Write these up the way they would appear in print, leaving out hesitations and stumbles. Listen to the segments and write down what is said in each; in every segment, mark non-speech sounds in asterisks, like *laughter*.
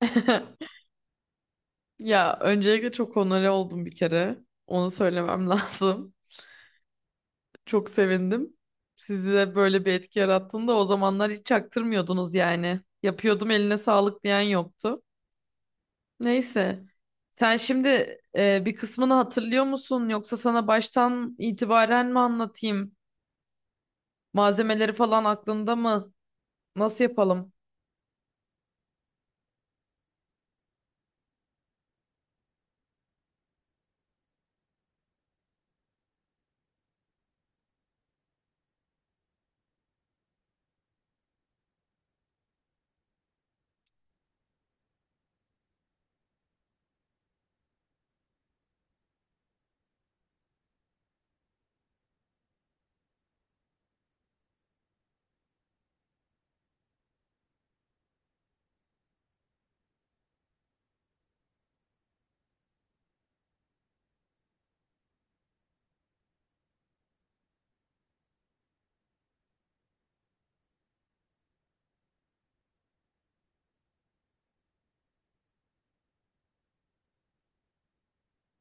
*laughs* Ya öncelikle çok onore oldum bir kere. Onu söylemem *laughs* lazım. Çok sevindim. Sizi de böyle bir etki yarattığında o zamanlar hiç çaktırmıyordunuz yani. Yapıyordum eline sağlık diyen yoktu. Neyse. Sen şimdi bir kısmını hatırlıyor musun? Yoksa sana baştan itibaren mi anlatayım? Malzemeleri falan aklında mı? Nasıl yapalım?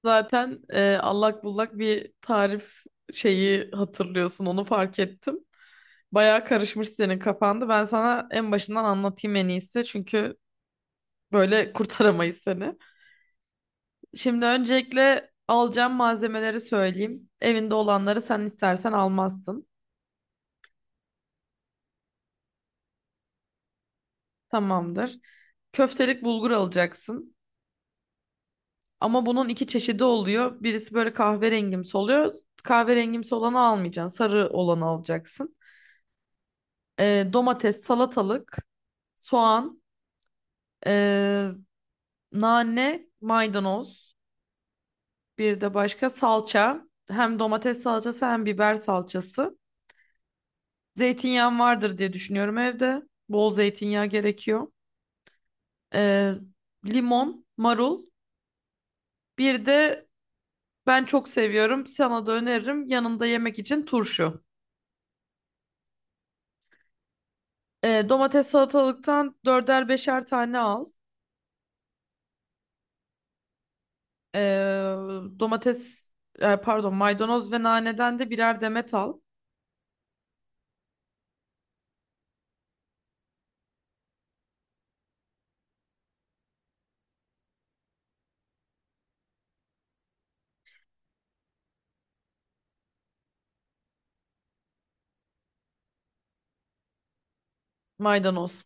Zaten allak bullak bir tarif şeyi hatırlıyorsun. Onu fark ettim. Bayağı karışmış senin kafanda. Ben sana en başından anlatayım en iyisi. Çünkü böyle kurtaramayız seni. Şimdi öncelikle alacağım malzemeleri söyleyeyim. Evinde olanları sen istersen almazsın. Tamamdır. Köftelik bulgur alacaksın. Ama bunun iki çeşidi oluyor. Birisi böyle kahverengimsi oluyor. Kahverengimsi olanı almayacaksın. Sarı olanı alacaksın. Domates, salatalık, soğan, ee, nane, maydanoz. Bir de başka salça. Hem domates salçası hem biber salçası. Zeytinyağım vardır diye düşünüyorum evde. Bol zeytinyağı gerekiyor. Ee, Limon, marul. Bir de ben çok seviyorum. Sana da öneririm. Yanında yemek için turşu. Domates salatalıktan dörder beşer tane al. Ee, Domates, pardon maydanoz ve naneden de birer demet al. Maydanoz.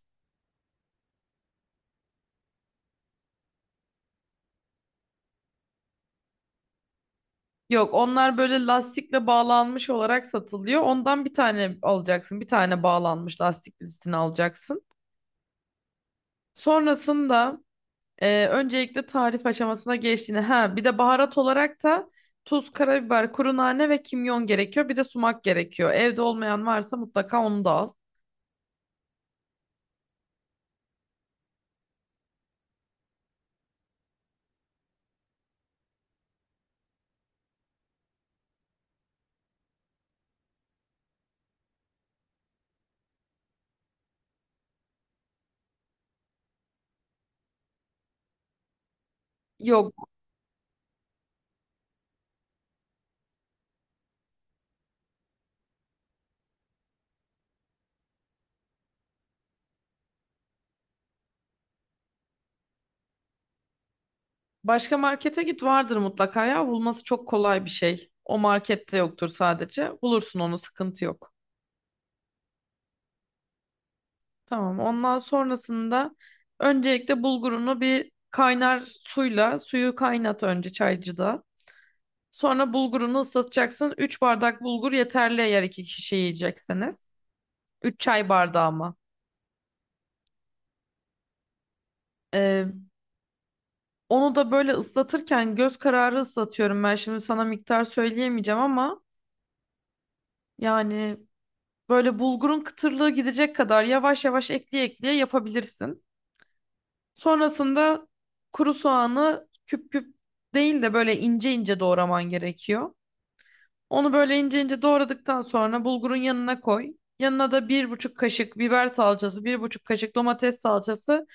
Yok onlar böyle lastikle bağlanmış olarak satılıyor. Ondan bir tane alacaksın. Bir tane bağlanmış lastik birisini alacaksın. Sonrasında öncelikle tarif aşamasına geçtiğini. Ha bir de baharat olarak da tuz, karabiber, kuru nane ve kimyon gerekiyor. Bir de sumak gerekiyor. Evde olmayan varsa mutlaka onu da al. Yok başka markete git vardır mutlaka ya. Bulması çok kolay bir şey. O markette yoktur sadece. Bulursun onu sıkıntı yok. Tamam. Ondan sonrasında öncelikle bulgurunu bir kaynar suyla suyu kaynat önce çaycıda. Sonra bulgurunu ıslatacaksın. 3 bardak bulgur yeterli eğer 2 kişi yiyecekseniz. 3 çay bardağı ama. Ee, Onu da böyle ıslatırken göz kararı ıslatıyorum ben. Şimdi sana miktar söyleyemeyeceğim ama yani böyle bulgurun kıtırlığı gidecek kadar yavaş yavaş ekleye ekleye yapabilirsin. Sonrasında kuru soğanı küp küp değil de böyle ince ince doğraman gerekiyor. Onu böyle ince ince doğradıktan sonra bulgurun yanına koy. Yanına da 1,5 kaşık biber salçası, 1,5 kaşık domates salçası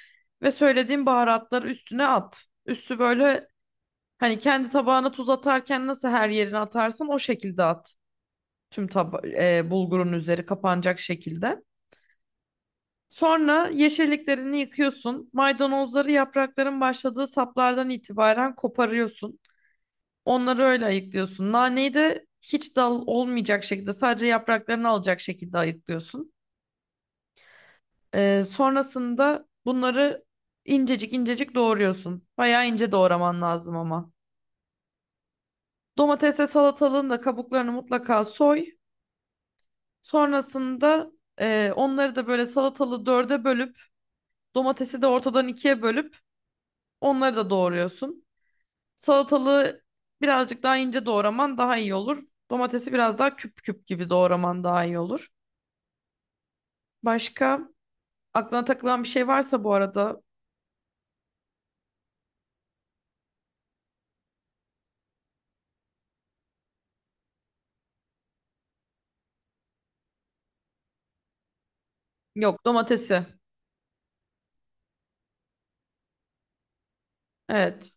ve söylediğim baharatları üstüne at. Üstü böyle hani kendi tabağına tuz atarken nasıl her yerine atarsın o şekilde at. Tüm bulgurun üzeri kapanacak şekilde. Sonra yeşilliklerini yıkıyorsun. Maydanozları yaprakların başladığı saplardan itibaren koparıyorsun. Onları öyle ayıklıyorsun. Naneyi de hiç dal olmayacak şekilde sadece yapraklarını alacak şekilde ayıklıyorsun. Sonrasında bunları incecik incecik doğruyorsun. Bayağı ince doğraman lazım ama. Domatesle salatalığın da kabuklarını mutlaka soy. Sonrasında onları da böyle salatalığı dörde bölüp domatesi de ortadan ikiye bölüp onları da doğruyorsun. Salatalığı birazcık daha ince doğraman daha iyi olur. Domatesi biraz daha küp küp gibi doğraman daha iyi olur. Başka aklına takılan bir şey varsa bu arada. Yok, domatesi. Evet.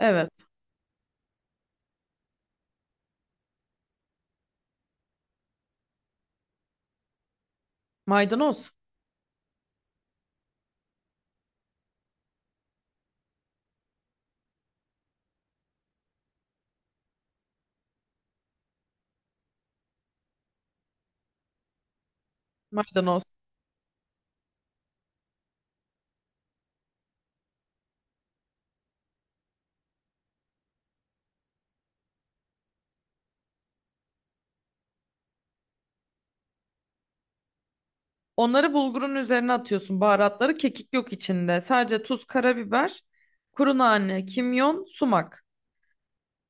Evet. Maydanoz. Maydanoz. Onları bulgurun üzerine atıyorsun. Baharatları kekik yok içinde. Sadece tuz, karabiber, kuru nane, kimyon, sumak.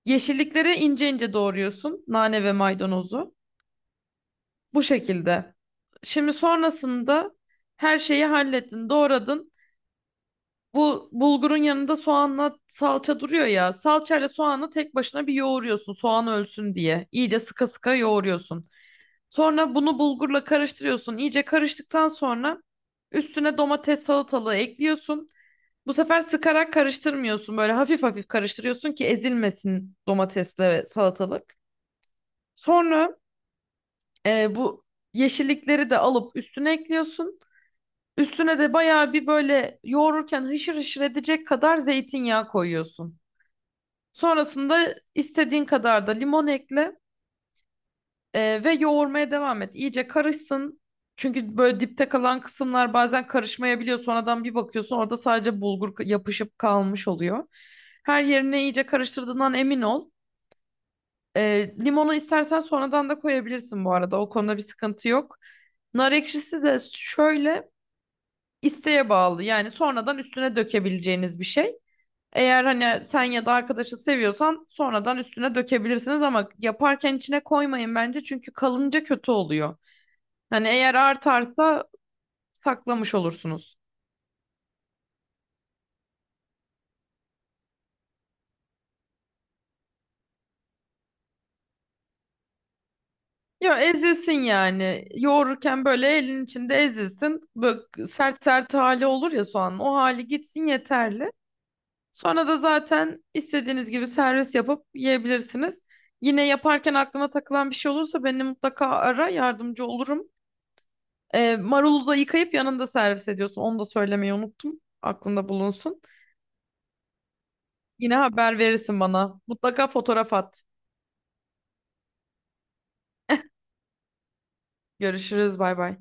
Yeşillikleri ince ince doğruyorsun. Nane ve maydanozu. Bu şekilde. Şimdi sonrasında her şeyi hallettin, doğradın. Bu bulgurun yanında soğanla salça duruyor ya. Salçayla soğanı tek başına bir yoğuruyorsun soğan ölsün diye. İyice sıka sıka yoğuruyorsun. Sonra bunu bulgurla karıştırıyorsun. İyice karıştıktan sonra üstüne domates salatalığı ekliyorsun. Bu sefer sıkarak karıştırmıyorsun. Böyle hafif hafif karıştırıyorsun ki ezilmesin domatesle ve salatalık. Sonra bu yeşillikleri de alıp üstüne ekliyorsun. Üstüne de bayağı bir böyle yoğururken hışır hışır edecek kadar zeytinyağı koyuyorsun. Sonrasında istediğin kadar da limon ekle ve yoğurmaya devam et. İyice karışsın. Çünkü böyle dipte kalan kısımlar bazen karışmayabiliyor. Sonradan bir bakıyorsun orada sadece bulgur yapışıp kalmış oluyor. Her yerine iyice karıştırdığından emin ol. Limonu istersen sonradan da koyabilirsin bu arada. O konuda bir sıkıntı yok. Nar ekşisi de şöyle isteğe bağlı. Yani sonradan üstüne dökebileceğiniz bir şey. Eğer hani sen ya da arkadaşı seviyorsan sonradan üstüne dökebilirsiniz ama yaparken içine koymayın bence çünkü kalınca kötü oluyor. Hani eğer artarsa saklamış olursunuz. Ya ezilsin yani. Yoğururken böyle elin içinde ezilsin. Böyle sert sert hali olur ya soğanın. O hali gitsin yeterli. Sonra da zaten istediğiniz gibi servis yapıp yiyebilirsiniz. Yine yaparken aklına takılan bir şey olursa beni mutlaka ara yardımcı olurum. Marulu da yıkayıp yanında servis ediyorsun. Onu da söylemeyi unuttum. Aklında bulunsun. Yine haber verirsin bana. Mutlaka fotoğraf at. Görüşürüz. Bay bay.